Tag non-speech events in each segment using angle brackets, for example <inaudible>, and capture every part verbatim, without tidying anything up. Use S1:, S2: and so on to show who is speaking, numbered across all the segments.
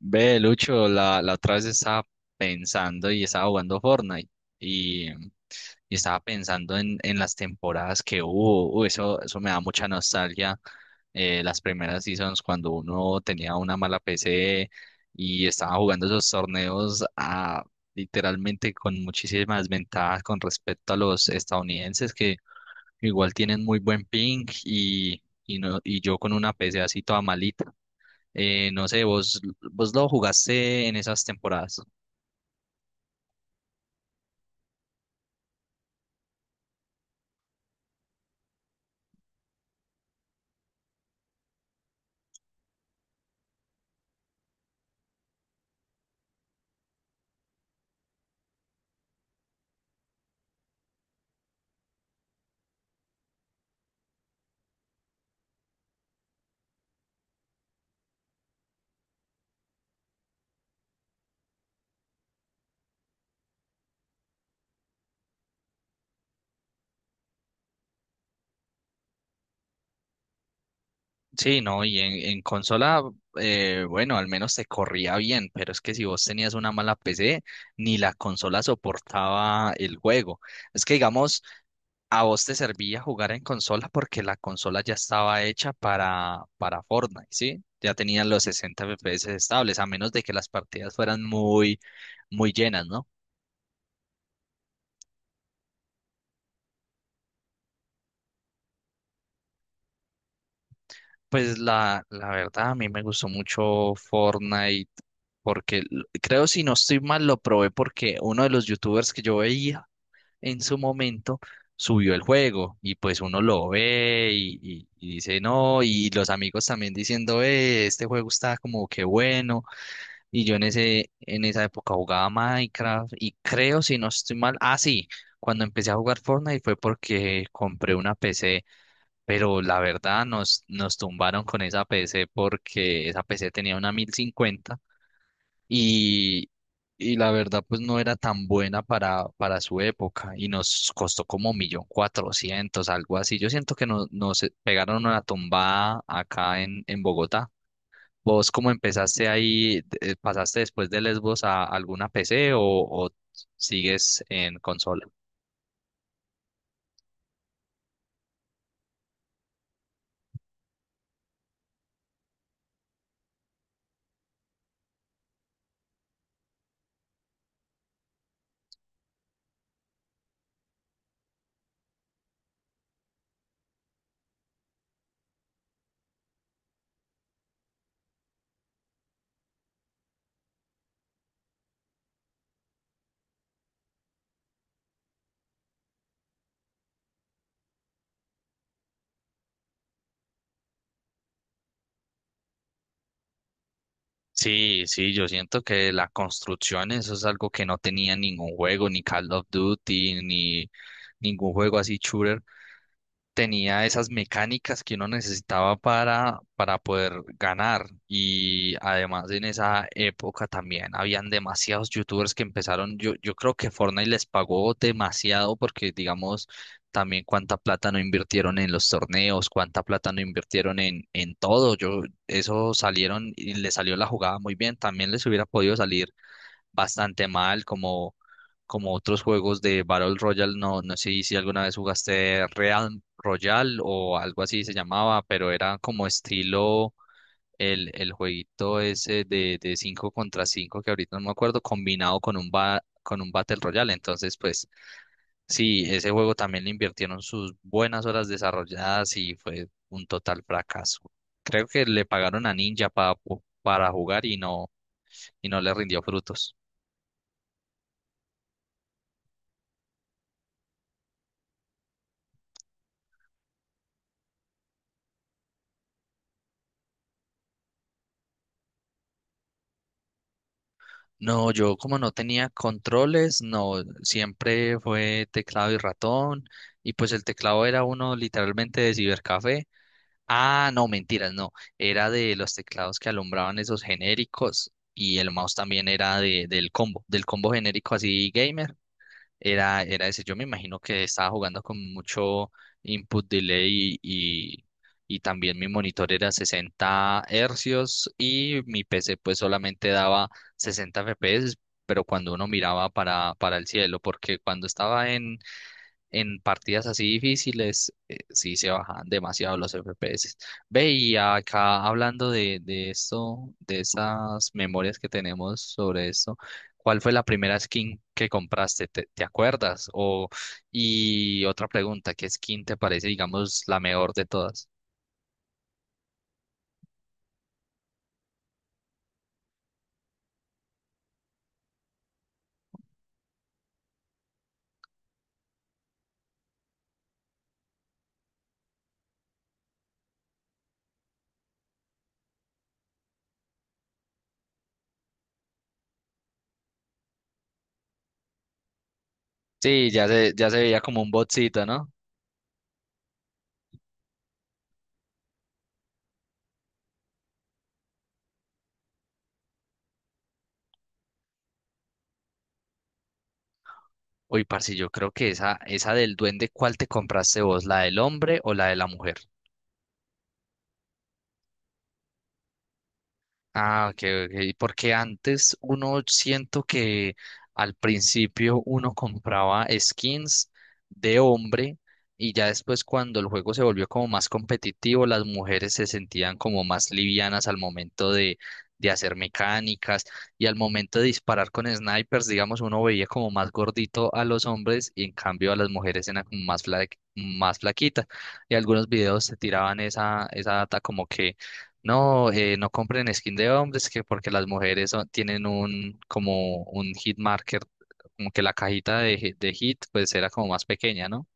S1: Ve, Lucho, la, la otra vez estaba pensando y estaba jugando Fortnite y, y estaba pensando en, en las temporadas que hubo. Uy, eso, eso me da mucha nostalgia. Eh, las primeras seasons cuando uno tenía una mala P C y estaba jugando esos torneos a, literalmente con muchísimas ventajas con respecto a los estadounidenses que igual tienen muy buen ping y, y, no, y yo con una P C así toda malita. Eh, no sé, vos, vos lo jugaste en esas temporadas. Sí, no, y en, en consola, eh, bueno, al menos te corría bien, pero es que si vos tenías una mala P C, ni la consola soportaba el juego. Es que, digamos, a vos te servía jugar en consola porque la consola ya estaba hecha para, para Fortnite, ¿sí? Ya tenían los sesenta F P S estables, a menos de que las partidas fueran muy, muy llenas, ¿no? Pues la, la verdad, a mí me gustó mucho Fortnite, porque l- creo, si no estoy mal, lo probé porque uno de los youtubers que yo veía en su momento subió el juego y pues uno lo ve y, y- y dice no, y los amigos también diciendo, eh, este juego está como que bueno, y yo en ese, en esa época jugaba Minecraft y creo, si no estoy mal, ah, sí, cuando empecé a jugar Fortnite fue porque compré una P C, pero la verdad nos, nos tumbaron con esa P C porque esa P C tenía una mil cincuenta y, y la verdad pues no era tan buena para, para su época y nos costó como un millón cuatrocientos, algo así. Yo siento que nos, nos pegaron una tumbada acá en, en Bogotá. ¿Vos cómo empezaste ahí? Eh, ¿Pasaste después de Lesbos a alguna P C o, o sigues en consola? Sí, sí, yo siento que la construcción, eso es algo que no tenía ningún juego, ni Call of Duty, ni ningún juego así shooter tenía esas mecánicas que uno necesitaba para, para poder ganar. Y además en esa época también habían demasiados youtubers que empezaron, yo, yo creo que Fortnite les pagó demasiado porque digamos también cuánta plata no invirtieron en los torneos, cuánta plata no invirtieron en, en todo. Yo, eso salieron y les salió la jugada muy bien. También les hubiera podido salir bastante mal, como, como otros juegos de Battle Royale. No, no sé si alguna vez jugaste Real Royale o algo así se llamaba, pero era como estilo el, el jueguito ese de, de cinco contra cinco que ahorita no me acuerdo, combinado con un ba- con un Battle Royale. Entonces, pues sí, ese juego también le invirtieron sus buenas horas desarrolladas y fue un total fracaso. Creo que le pagaron a Ninja pa- para jugar y no, y no le rindió frutos. No, yo como no tenía controles, no, siempre fue teclado y ratón, y pues el teclado era uno literalmente de cibercafé. Ah, no, mentiras, no, era de los teclados que alumbraban esos genéricos, y el mouse también era de, del combo, del combo genérico así gamer, era, era ese. Yo me imagino que estaba jugando con mucho input delay y, y también mi monitor era sesenta hercios y mi P C pues solamente daba sesenta F P S, pero cuando uno miraba para, para el cielo, porque cuando estaba en partidas así difíciles, eh, sí se bajan demasiado los F P S. Ve, y acá hablando de, de esto, de esas memorias que tenemos sobre esto, ¿cuál fue la primera skin que compraste? ¿Te, te acuerdas? O, y otra pregunta, ¿qué skin te parece, digamos, la mejor de todas? Sí, ya se, ya se veía como un botcito, ¿no? Uy, parce, yo creo que esa, esa del duende, ¿cuál te compraste vos? ¿La del hombre o la de la mujer? Ah, ok, ok. Porque antes uno siento que al principio uno compraba skins de hombre y ya después cuando el juego se volvió como más competitivo, las mujeres se sentían como más livianas al momento de, de hacer mecánicas y al momento de disparar con snipers, digamos, uno veía como más gordito a los hombres y en cambio a las mujeres eran como más, fla- más flaquitas. Y algunos videos se tiraban esa, esa data como que no, eh, no compren skin de hombres que porque las mujeres son- tienen un como un hit marker, como que la cajita de, hit- de hit pues era como más pequeña, ¿no?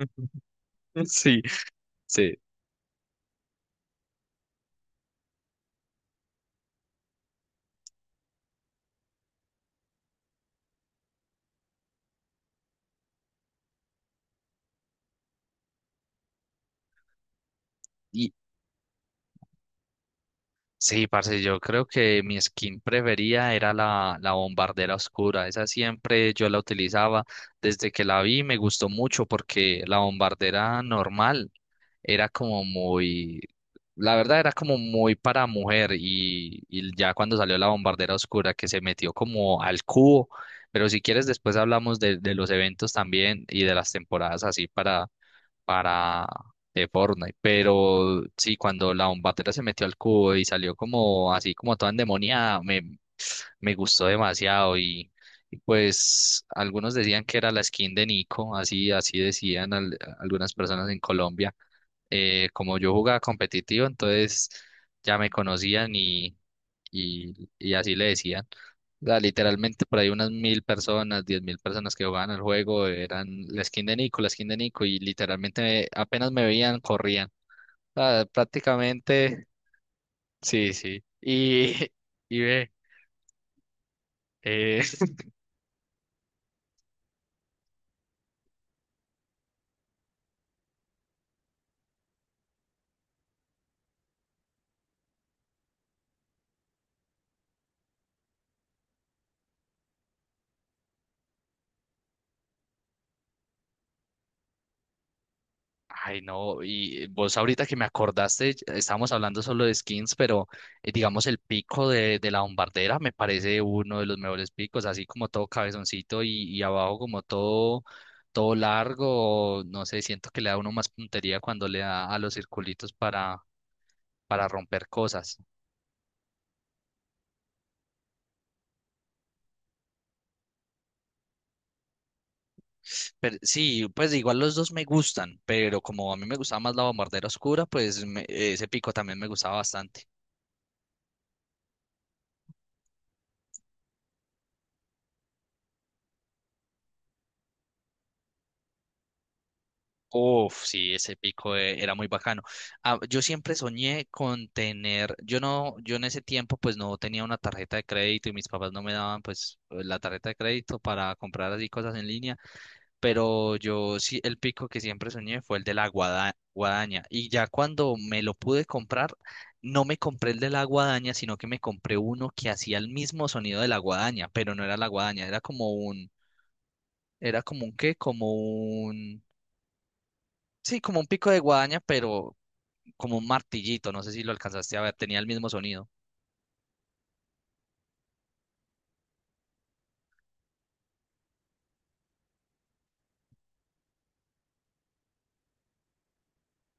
S1: <laughs> Sí, sí. Y sí, parce, yo creo que mi skin preferida era la, la bombardera oscura. Esa siempre yo la utilizaba. Desde que la vi me gustó mucho porque la bombardera normal era como muy, la verdad era como muy para mujer y, y ya cuando salió la bombardera oscura que se metió como al cubo, pero si quieres después hablamos de, de los eventos también y de las temporadas así para, para de Fortnite, pero sí, cuando la bombardera se metió al cubo y salió como así como toda endemoniada, me, me gustó demasiado y... Y pues algunos decían que era la skin de Nico, así, así decían al- algunas personas en Colombia. Eh, como yo jugaba competitivo, entonces ya me conocían y, y, y así le decían. O sea, literalmente por ahí unas mil personas, diez mil personas que jugaban el juego eran la skin de Nico, la skin de Nico, y literalmente me- apenas me veían, corrían. O sea, prácticamente, sí, sí. Y, <laughs> y ve, eh, ay, no, y eh, vos ahorita que me acordaste, estábamos hablando solo de skins, pero eh, digamos el pico de, de la bombardera me parece uno de los mejores picos, así como todo cabezoncito y, y abajo como todo, todo largo, no sé, siento que le da uno más puntería cuando le da a los circulitos para, para romper cosas. Pero sí, pues igual los dos me gustan, pero como a mí me gustaba más la bombardera oscura, pues me- ese pico también me gustaba bastante. Uf, sí, ese pico eh, era muy bacano. Ah, yo siempre soñé con tener, yo no, yo en ese tiempo pues no tenía una tarjeta de crédito y mis papás no me daban pues la tarjeta de crédito para comprar así cosas en línea, pero yo sí, el pico que siempre soñé fue el de la guada- guadaña y ya cuando me lo pude comprar, no me compré el de la guadaña, sino que me compré uno que hacía el mismo sonido de la guadaña, pero no era la guadaña, era como un, era como un qué, como un... Sí, como un pico de guadaña, pero como un martillito, no sé si lo alcanzaste a ver, tenía el mismo sonido.